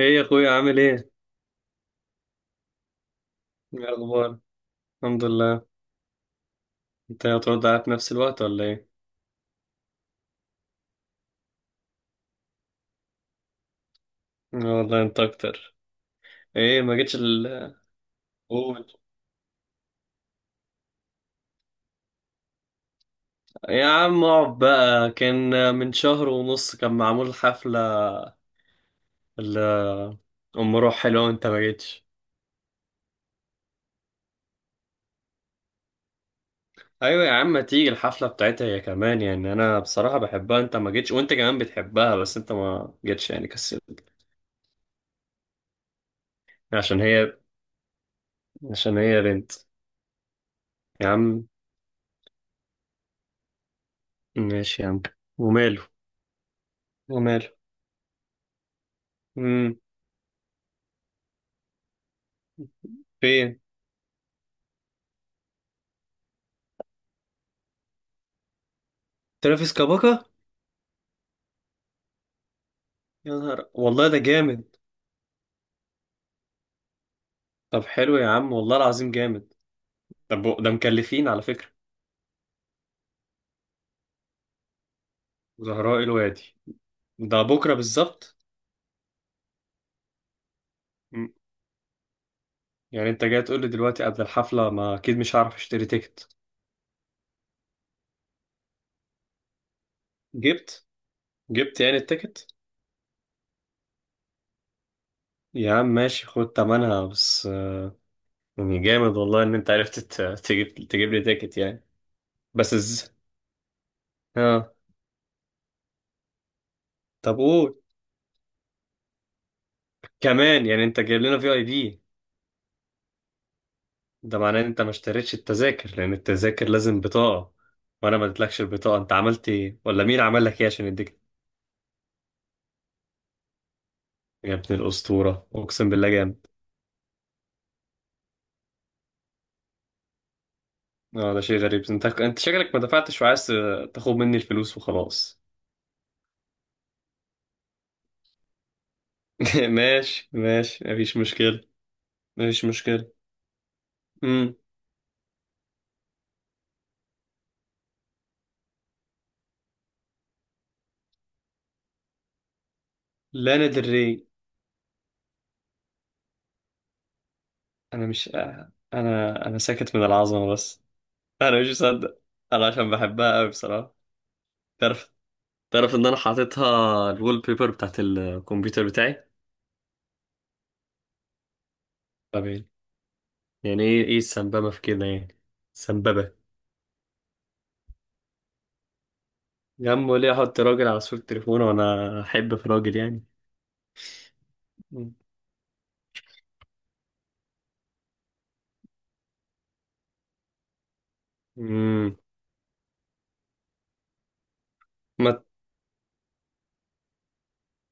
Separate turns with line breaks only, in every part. ايه يا اخويا عامل ايه؟ ايه اخبار؟ الحمد لله. انت هترد عليا في نفس الوقت ولا ايه؟ آه والله انت اكتر. ايه ما جيتش قول. يا عم اقعد بقى، كان من شهر ونص كان معمول حفلة ال ام روح حلوة وانت ما جيتش. ايوه يا عم، ما تيجي الحفلة بتاعتها هي كمان، يعني انا بصراحة بحبها، انت ما جيتش وانت كمان بتحبها بس انت ما جيتش يعني كسلت. عشان هي عشان هي بنت. يا عم ماشي يا عم. وماله. وماله. امم فين؟ ترافيس كاباكا؟ يا نهار والله ده جامد. طب حلو يا عم والله العظيم جامد. طب ده مكلفين على فكرة. زهراء الوادي. ده بكرة بالظبط؟ م. يعني انت جاي تقول لي دلوقتي قبل الحفلة، ما اكيد مش هعرف اشتري تيكت. جبت؟ جبت يعني التيكت؟ يا عم ماشي، خد تمنها بس. يعني جامد والله ان انت عرفت تجيب لي تيكت يعني. بس از... اه طب قول. كمان يعني انت جايب لنا في اي بي؟ ده معناه ان انت ما اشتريتش التذاكر لان التذاكر لازم بطاقة، وانا ما اديتلكش البطاقة. انت عملت ايه، ولا مين عمل لك ايه عشان يديك؟ يا ابن الاسطورة اقسم بالله جامد. اه ده شيء غريب، انت شكلك ما دفعتش وعايز تاخد مني الفلوس وخلاص. ماشي ماشي، مفيش مشكلة. مفيش مشكلة. امم لانا del Rey. انا مش انا ساكت من العظمة بس. انا مش مصدق. انا عشان بحبها قوي بصراحة. تعرف تعرف ان انا حاططها الوول بيبر بتاعت الكمبيوتر بتاعي. طب يعني ايه السنببة في كده يعني؟ سنببة؟ يا عم ليه احط راجل على صورة تليفونه وانا احب في راجل يعني؟ مم. امم. ما.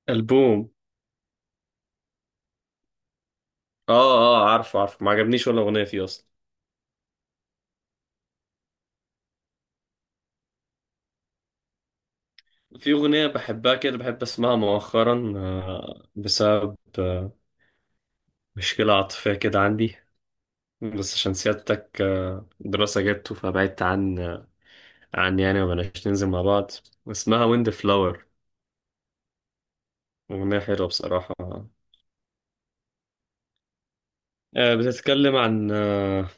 ألبوم؟ اه اه، عارفه عارفه، ما عجبنيش ولا أغنية فيه أصلا. في أغنية بحبها كده، بحب أسمعها مؤخرا، بسبب مشكلة عاطفية كده عندي. بس عشان سيادتك، دراسة جبته فبعدت عن عن يعني، ومبقناش ننزل مع بعض. اسمها ويند فلاور. أغنية حلوة بصراحة. بتتكلم عن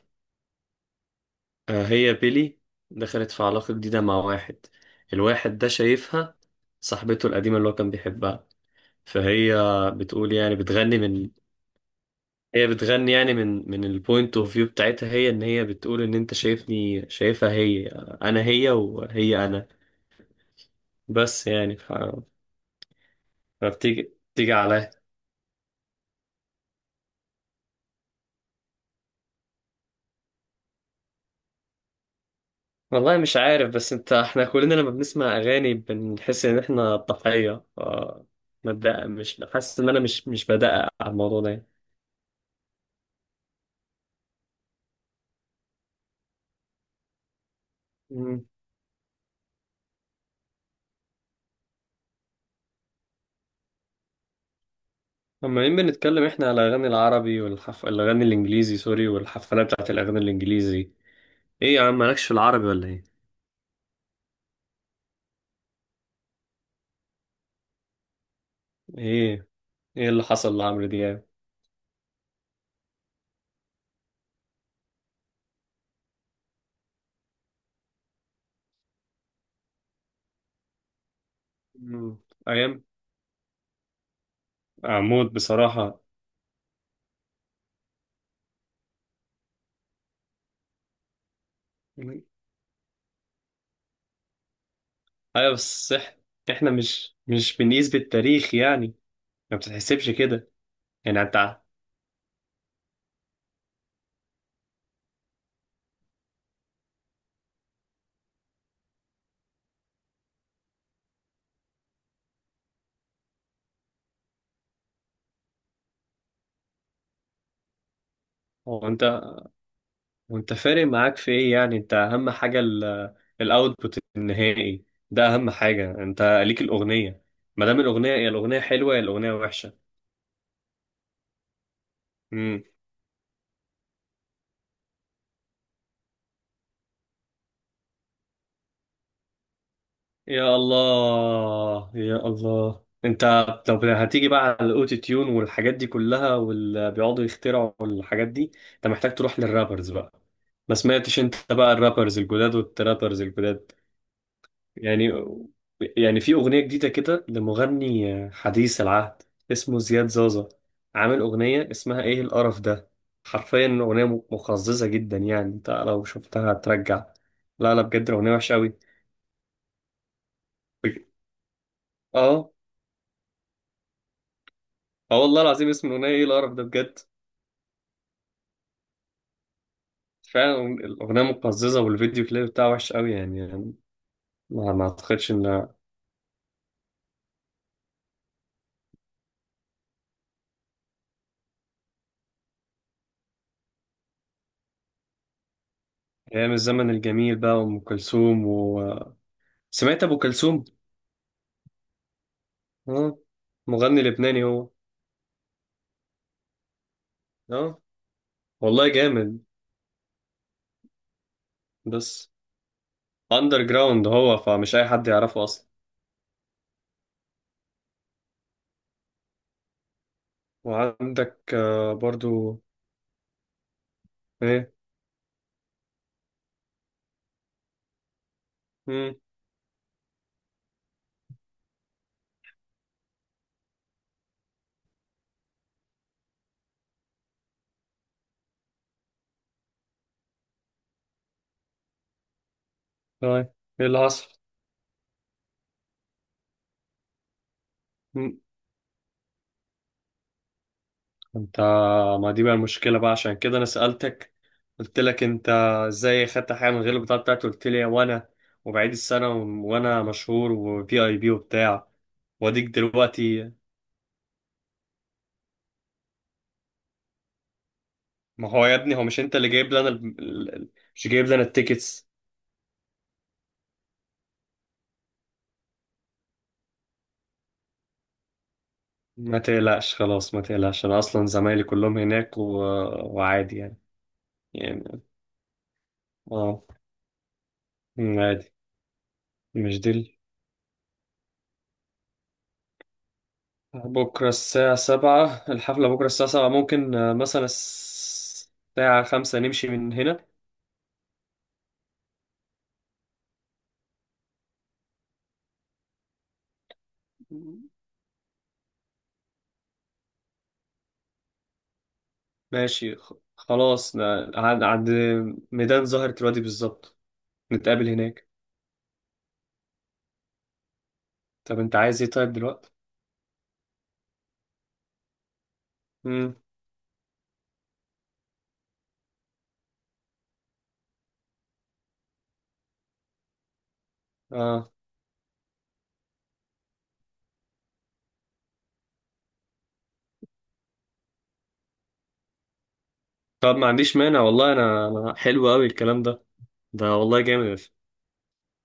هي بيلي دخلت في علاقة جديدة مع واحد، الواحد ده شايفها صاحبته القديمة اللي هو كان بيحبها، فهي بتقول يعني بتغني من. هي بتغني يعني من البوينت اوف فيو بتاعتها هي، ان هي بتقول ان انت شايفني شايفها هي، انا هي وهي انا. بس يعني ف... فبتيجي عليا. والله مش عارف، بس انت احنا كلنا لما بنسمع اغاني بنحس ان احنا ضحية. ما بدأ- مش حاسس ان انا مش بدقق على الموضوع ده. عمالين بنتكلم احنا على الاغاني العربي الاغاني الانجليزي، سوري، والحفلات بتاعت الاغاني الانجليزي. ايه يا عم مالكش في العربي ولا ايه؟ ايه، اللي حصل لعمرو دياب؟ مم. ايام. عمود بصراحة. مم. ايوه، احنا مش بنقيس بالتاريخ يعني. ما بتتحسبش كده يعني انت هو انت وانت فارق معاك في ايه يعني؟ انت اهم حاجة الاوتبوت النهائي، ده اهم حاجة، انت ليك الاغنية. ما دام الاغنية، يا الاغنية حلوة يا الاغنية وحشة. يا الله يا الله انت. طب هتيجي بقى على الاوتو تيون والحاجات دي كلها واللي بيقعدوا يخترعوا الحاجات دي؟ انت محتاج تروح للرابرز بقى. ما سمعتش انت بقى الرابرز الجداد والترابرز الجداد؟ يعني يعني في اغنية جديدة كده لمغني حديث العهد اسمه زياد زازا، عامل اغنية اسمها ايه القرف ده. حرفيا اغنية مقززة جدا، يعني انت لو شفتها هترجع. لا لا بجد اغنية وحشة قوي. اه. اه والله العظيم اسم الاغنيه ايه القرف ده بجد. فعلا الاغنيه مقززه والفيديو كليب بتاعه وحش قوي، يعني. ما اعتقدش ان. ايام الزمن الجميل بقى وام كلثوم. سمعت ابو كلثوم؟ اه. مغني لبناني هو. اه. والله جامد. بس اندر جراوند هو، فمش اي حد يعرفه اصلا. وعندك برضو. ايه؟ مم. طيب. ايه اللي حصل؟ انت، ما دي بقى المشكله بقى عشان كده انا سالتك، قلت لك انت ازاي خدت حاجه من غير البطاقه بتاعتي؟ قلت لي وانا وبعيد السنه وانا مشهور وفي اي بي وبتاع، واديك دلوقتي. ما هو يا ابني هو مش انت اللي جايب لنا ال- مش جايب لنا التيكتس؟ ما تقلقش خلاص، ما تقلقش، انا اصلا زمايلي كلهم هناك، وعادي يعني. يعني اه. عادي. مش دي. بكرة الساعة 7 الحفلة، بكرة الساعة 7، ممكن، مثلا الساعة 5 نمشي من هنا. ماشي، خلاص، عند ميدان زهرة الوادي بالظبط، نتقابل هناك. طب انت عايز ايه طيب دلوقتي؟ امم. اه. طب ما عنديش مانع والله، انا حلو قوي الكلام ده، ده والله جامد.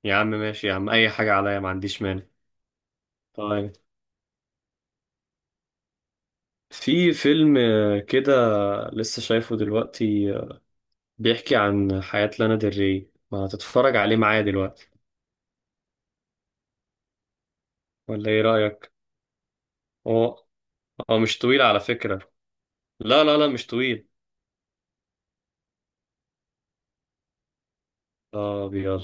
يا عم ماشي يا عم، اي حاجة عليا ما عنديش مانع. طيب. في فيلم كده، لسه شايفه دلوقتي، بيحكي عن حياة لانا ديل ري، ما هتتفرج عليه معايا دلوقتي ولا ايه رأيك؟ هو هو مش طويل على فكرة. لا لا لا مش طويل. اه ابيض.